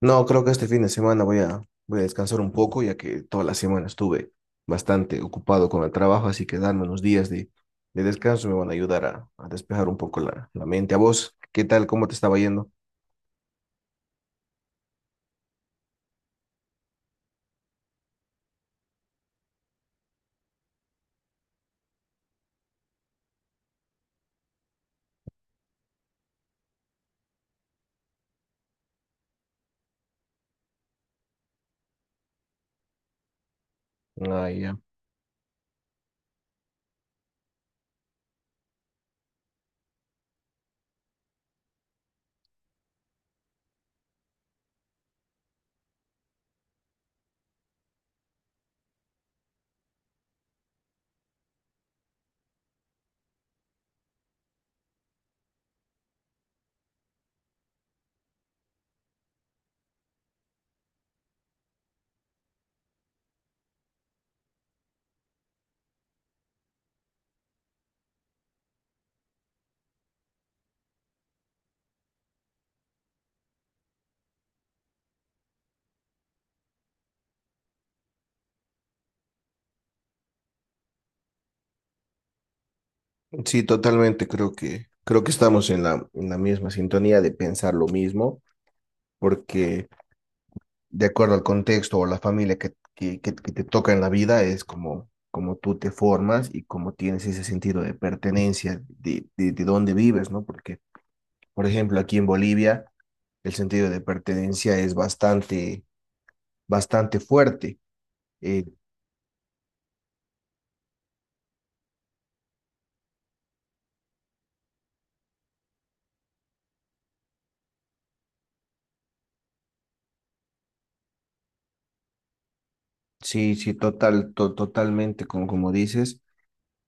No, creo que este fin de semana voy a descansar un poco, ya que toda la semana estuve bastante ocupado con el trabajo, así que darme unos días de descanso me van a ayudar a despejar un poco la mente. ¿A vos qué tal? ¿Cómo te estaba yendo? Ah, ya. Sí, totalmente, creo que estamos en en la misma sintonía de pensar lo mismo, porque de acuerdo al contexto o la familia que te toca en la vida, es como, como tú te formas y como tienes ese sentido de pertenencia, de dónde vives, ¿no? Por ejemplo, aquí en Bolivia, el sentido de pertenencia es bastante fuerte. Eh, sí, sí, total, totalmente, como, como dices,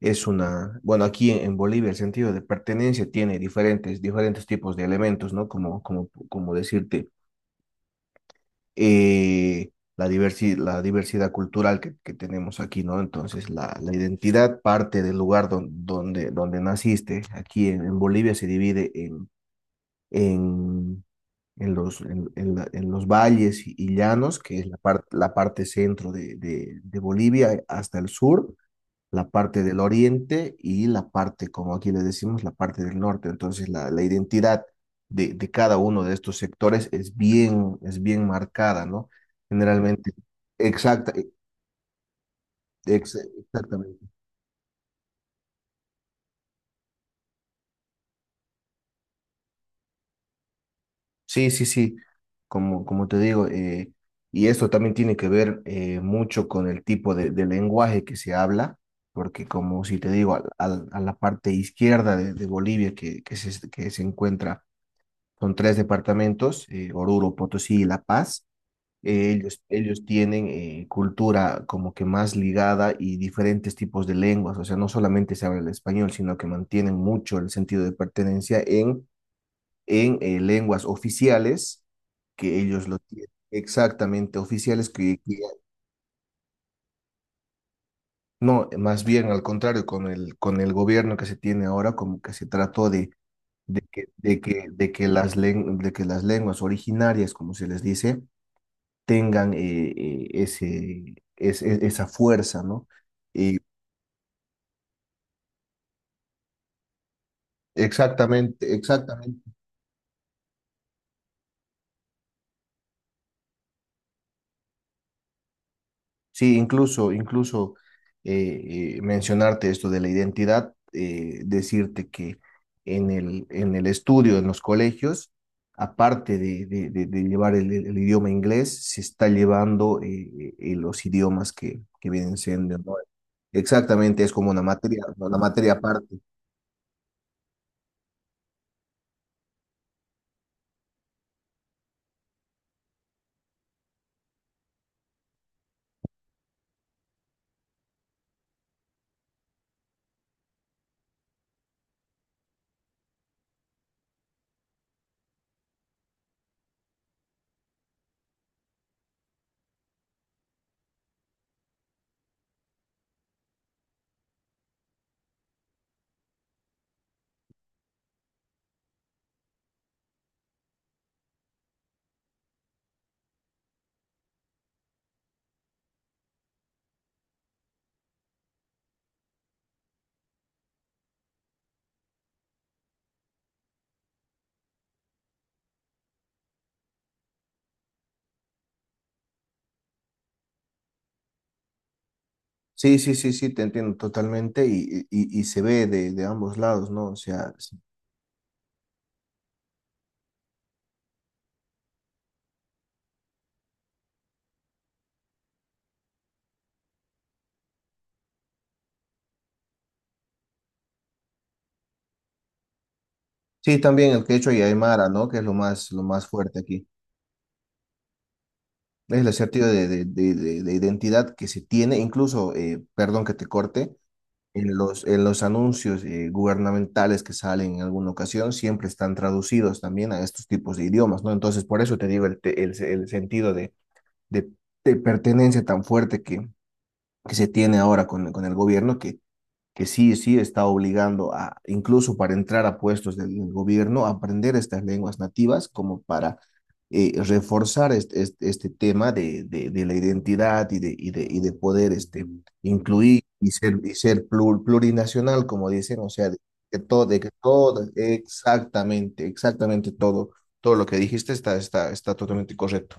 es una, bueno, aquí en Bolivia el sentido de pertenencia tiene diferentes tipos de elementos, ¿no? Como decirte, la diversidad cultural que tenemos aquí, ¿no? Entonces, la identidad parte del lugar donde naciste. Aquí en Bolivia se divide en en en en los valles y llanos, que es la parte centro de Bolivia hasta el sur, la parte del oriente y la parte, como aquí le decimos, la parte del norte. Entonces, la identidad de cada uno de estos sectores es bien marcada, ¿no? Generalmente, exacta, exactamente. Sí, sí, sí, como, como te digo, y esto también tiene que ver mucho con el tipo de lenguaje que se habla, porque como si te digo, a la parte izquierda de Bolivia que se encuentra, son tres departamentos, Oruro, Potosí y La Paz, ellos tienen cultura como que más ligada y diferentes tipos de lenguas, o sea, no solamente se habla el español, sino que mantienen mucho el sentido de pertenencia en lenguas oficiales, que ellos lo tienen exactamente oficiales, no, más bien al contrario, con con el gobierno que se tiene ahora, como que se trató de que de que las lenguas originarias, como se les dice, tengan ese, esa fuerza, ¿no? Y exactamente, exactamente. Sí, incluso, incluso mencionarte esto de la identidad, decirte que en en el estudio, en los colegios, aparte de llevar el idioma inglés, se está llevando los idiomas que vienen siendo, ¿no? Exactamente, es como una materia, ¿no? Una materia aparte. Sí, sí, sí, sí, te entiendo totalmente y se ve de ambos lados, ¿no? O sea, sí. Sí, también el quechua y aymara, ¿no? Que es lo más fuerte aquí. Es el sentido de identidad que se tiene, incluso, perdón que te corte, en en los anuncios gubernamentales que salen en alguna ocasión, siempre están traducidos también a estos tipos de idiomas, ¿no? Entonces, por eso te digo el sentido de, de pertenencia tan fuerte que se tiene ahora con el gobierno, que sí, sí está obligando a, incluso para entrar a puestos del gobierno, a aprender estas lenguas nativas como para reforzar este tema de la identidad y de, y de, y de poder este, incluir y ser plurinacional, como dicen, o sea, de que todo, exactamente, exactamente todo. Todo lo que dijiste está, está, está totalmente correcto.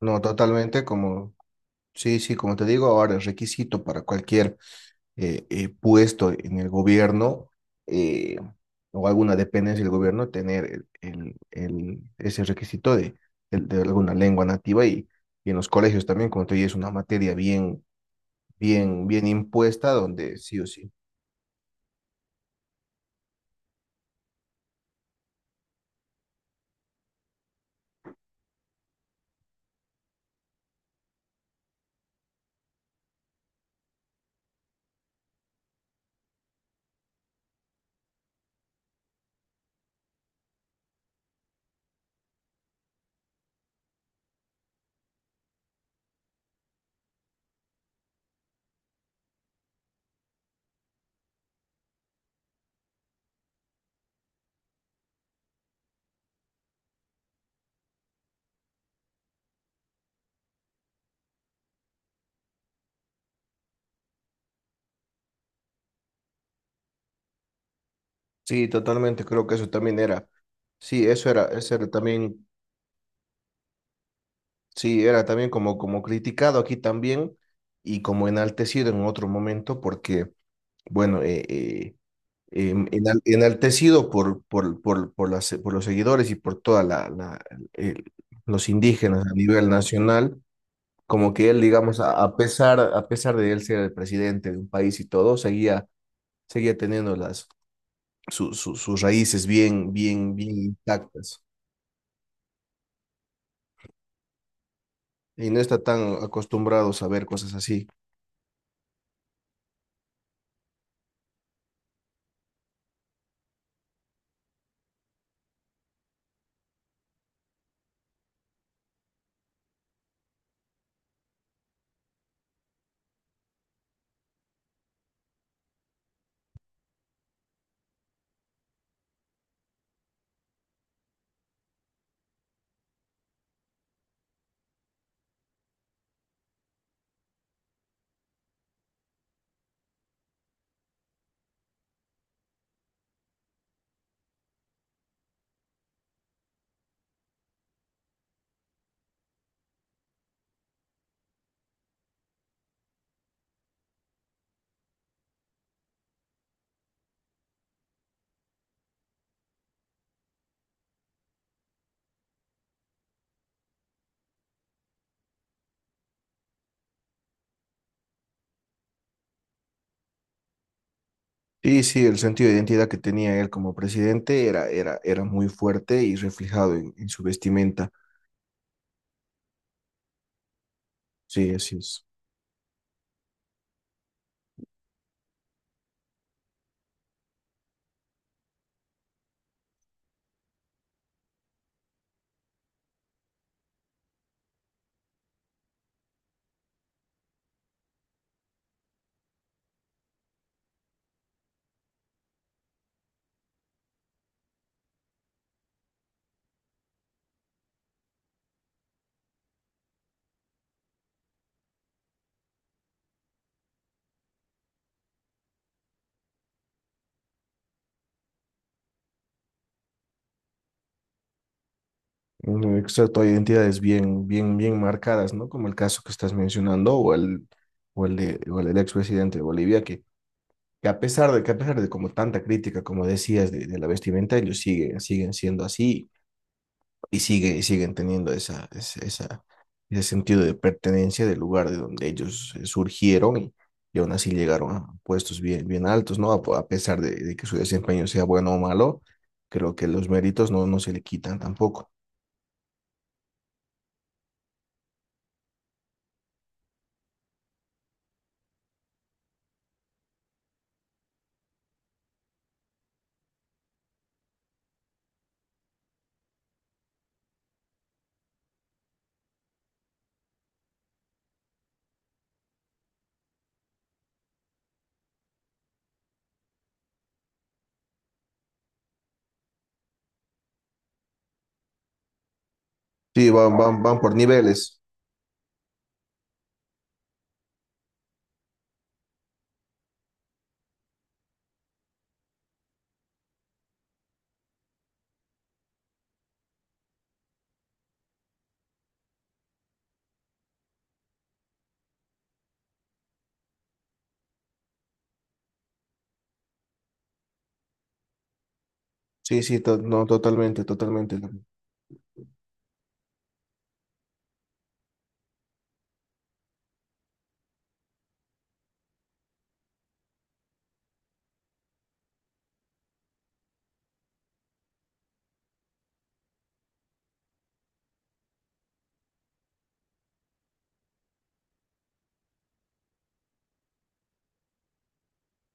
No, totalmente, como, sí, sí, como te digo, ahora es requisito para cualquier puesto en el gobierno eh, o alguna dependencia del gobierno tener ese requisito de alguna lengua nativa y en los colegios también, como te digo, es una materia bien, bien, bien impuesta donde sí o sí. Sí, totalmente, creo que eso también era, sí, eso era también, sí, era también como, como criticado aquí también y como enaltecido en otro momento porque, bueno, enaltecido por los seguidores y por toda el- los indígenas a nivel nacional, como que él, digamos, a pesar de él ser el presidente de un país y todo, seguía, seguía teniendo sus raíces bien, bien, bien intactas y no está tan acostumbrados a ver cosas así. Sí, sí, el sentido de identidad que tenía él como presidente era, era, era muy fuerte y reflejado en su vestimenta. Sí, así es. Mm, exacto, hay identidades bien, bien, bien marcadas, ¿no? Como el caso que estás mencionando, o el de, o el del expresidente de Bolivia, que a pesar de que a pesar de como tanta crítica, como decías, de la vestimenta, ellos siguen, siguen siendo así y sigue, y siguen teniendo esa, esa, ese sentido de pertenencia del lugar de donde ellos surgieron y aún así llegaron a puestos bien, bien altos, ¿no? A pesar de que su desempeño sea bueno o malo, creo que los méritos no, no se le quitan tampoco. Sí, van, van, van por niveles. Sí, sí, no, totalmente, totalmente.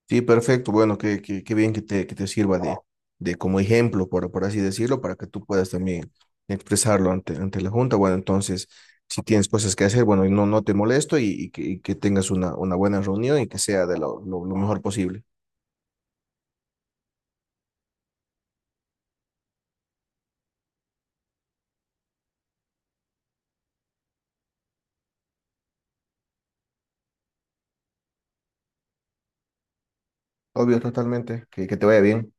Sí, perfecto. Bueno, qué, qué, qué bien que te sirva de como ejemplo, por así decirlo, para que tú puedas también expresarlo ante, ante la Junta. Bueno, entonces, si tienes cosas que hacer, bueno, y no, no te molesto y que tengas una buena reunión y que sea de lo mejor posible. Obvio, totalmente. Que te vaya bien.